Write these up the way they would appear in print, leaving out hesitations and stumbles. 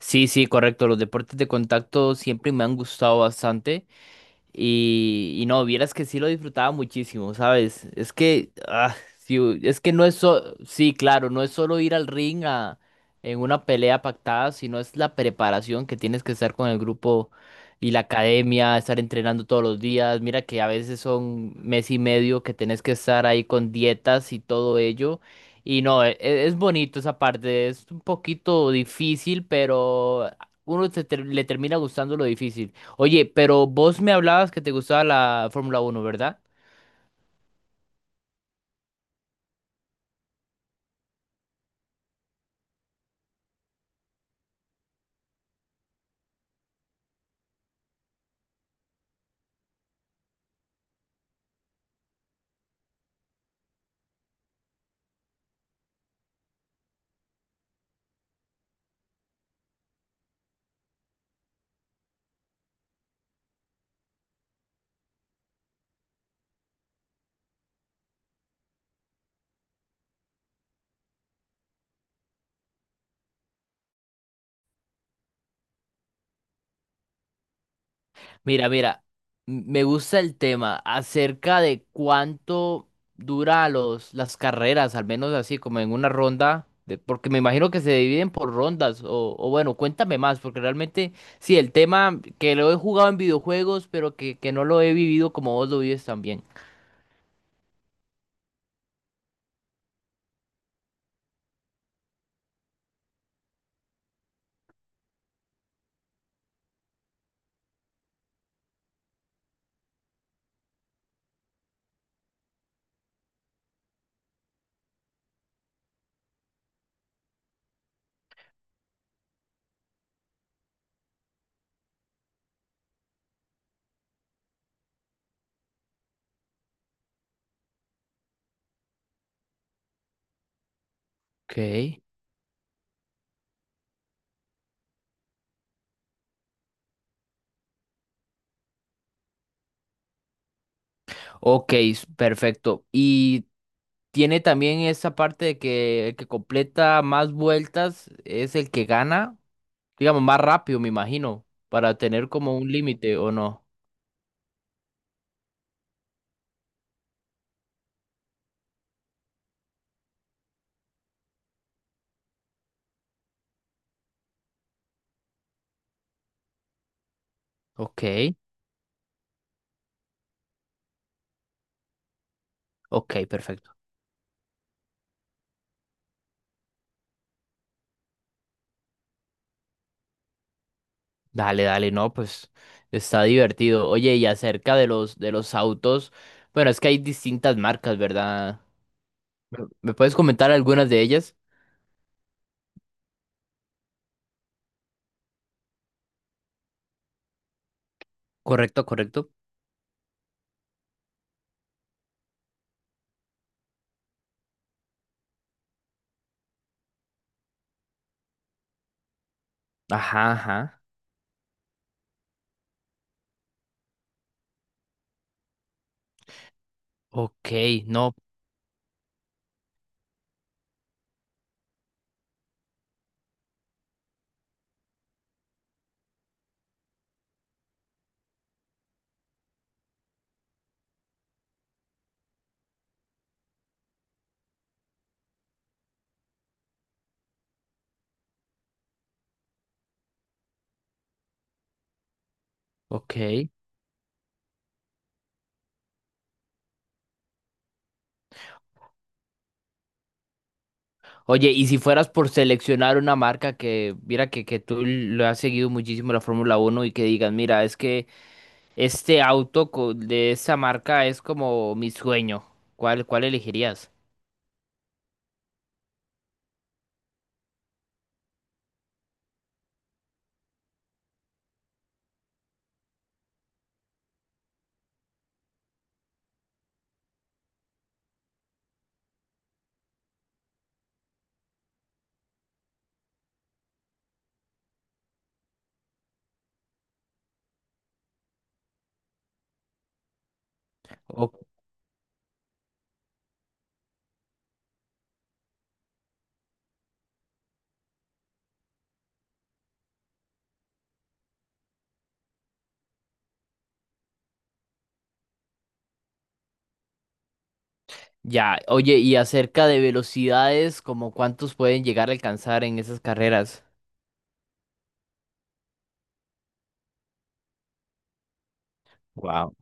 Sí, sí, correcto. Los deportes de contacto siempre me han gustado bastante. Y no, vieras que sí lo disfrutaba muchísimo, ¿sabes? Es que, ah, sí, es que no es solo, sí, claro, no es solo ir al ring en una pelea pactada, sino es la preparación que tienes que estar con el grupo y la academia, estar entrenando todos los días. Mira que a veces son mes y medio que tenés que estar ahí con dietas y todo ello. Y no, es bonito esa parte, es un poquito difícil, pero uno le termina gustando lo difícil. Oye, pero vos me hablabas que te gustaba la Fórmula uno, ¿verdad? Mira, mira, me gusta el tema acerca de cuánto dura las carreras, al menos así como en una ronda, porque me imagino que se dividen por rondas, o bueno, cuéntame más, porque realmente, sí, el tema que lo he jugado en videojuegos, pero que no lo he vivido como vos lo vives también. Ok, ok, perfecto. Y tiene también esa parte de que el que completa más vueltas es el que gana, digamos, más rápido, me imagino, para tener como un límite o no. Ok, ok, perfecto. Dale, dale, no, pues está divertido. Oye, y acerca de los autos, bueno, es que hay distintas marcas, ¿verdad? ¿Me puedes comentar algunas de ellas? Correcto, correcto. Ajá, ajá. Ok, no, ok. Oye, y si fueras por seleccionar una marca que, mira, que tú lo has seguido muchísimo la Fórmula Uno y que digas, mira, es que este auto de esa marca es como mi sueño, ¿cuál elegirías? O- ya, oye, y acerca de velocidades, ¿como cuántos pueden llegar a alcanzar en esas carreras? Wow.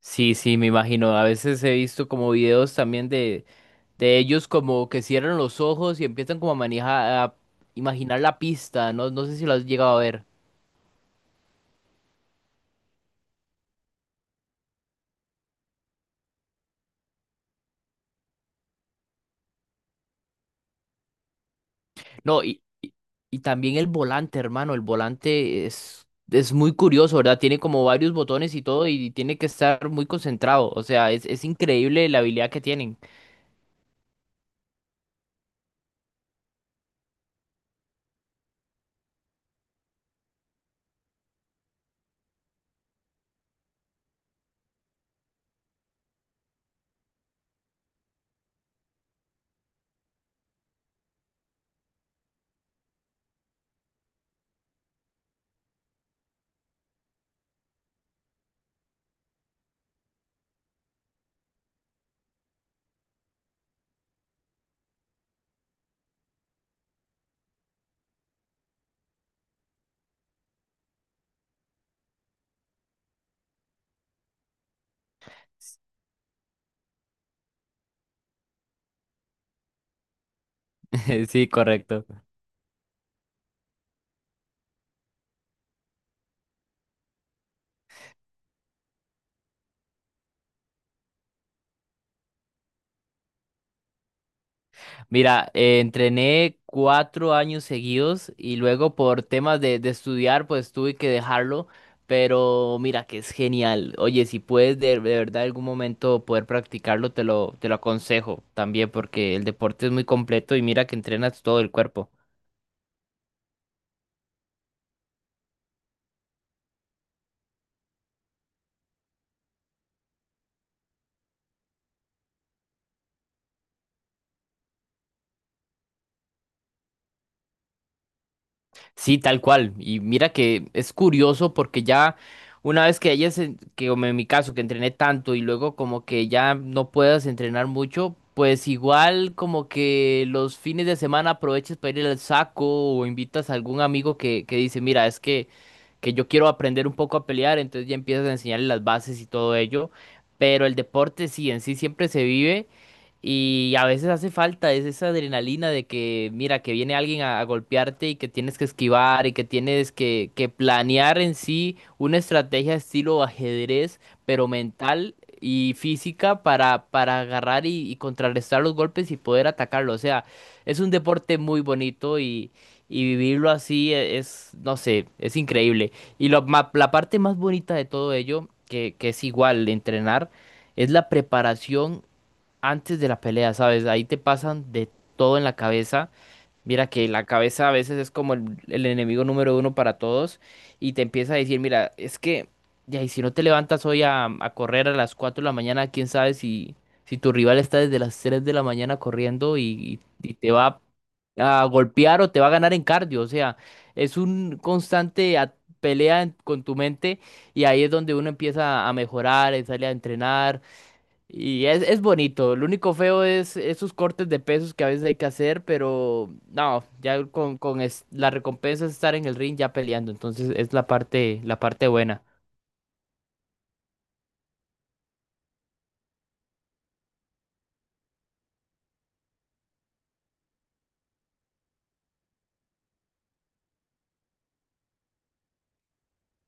Sí, sí, me imagino. A veces he visto como videos también de ellos como que cierran los ojos y empiezan como a manejar, a imaginar la pista, ¿no? No sé si lo has llegado a ver. No, y también el volante, hermano, el volante es muy curioso, ¿verdad? Tiene como varios botones y todo y tiene que estar muy concentrado. O sea, es increíble la habilidad que tienen. Sí, correcto. Mira, entrené 4 años seguidos y luego por temas de estudiar, pues tuve que dejarlo. Pero mira que es genial. Oye, si puedes de verdad algún momento poder practicarlo, te lo aconsejo también porque el deporte es muy completo y mira que entrenas todo el cuerpo. Sí, tal cual. Y mira que es curioso porque ya una vez que hayas, que como en mi caso, que entrené tanto y luego como que ya no puedas entrenar mucho, pues igual como que los fines de semana aproveches para ir al saco o invitas a algún amigo que dice, mira, es que, yo quiero aprender un poco a pelear, entonces ya empiezas a enseñarle las bases y todo ello. Pero el deporte sí, en sí siempre se vive. Y a veces hace falta es esa adrenalina de que, mira, que viene alguien a golpearte y que tienes que esquivar y que tienes que planear en sí una estrategia estilo ajedrez, pero mental y física para agarrar y contrarrestar los golpes y poder atacarlo. O sea, es un deporte muy bonito y vivirlo así es, no sé, es increíble. Y lo la parte más bonita de todo ello, que es igual entrenar, es la preparación antes de la pelea, ¿sabes? Ahí te pasan de todo en la cabeza. Mira que la cabeza a veces es como el enemigo número uno para todos y te empieza a decir, mira, es que, ya, y si no te levantas hoy a correr a las 4:00 de la mañana, quién sabe si, si tu rival está desde las 3:00 de la mañana corriendo y te va a golpear o te va a ganar en cardio. O sea, es un constante pelea con tu mente y ahí es donde uno empieza a mejorar, sale a entrenar y es bonito. Lo único feo es esos cortes de pesos que a veces hay que hacer, pero no, ya la recompensa es estar en el ring ya peleando. Entonces es la parte buena.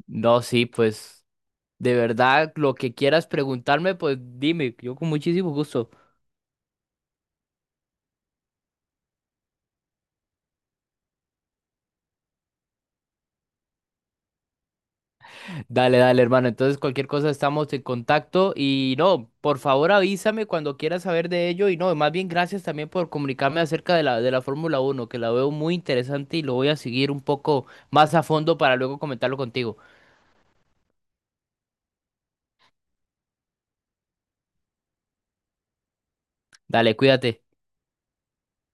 No, sí, pues de verdad, lo que quieras preguntarme, pues dime, yo con muchísimo gusto. Dale, dale, hermano. Entonces, cualquier cosa estamos en contacto y no, por favor avísame cuando quieras saber de ello y no, más bien gracias también por comunicarme acerca de la Fórmula Uno, que la veo muy interesante y lo voy a seguir un poco más a fondo para luego comentarlo contigo. Dale, cuídate.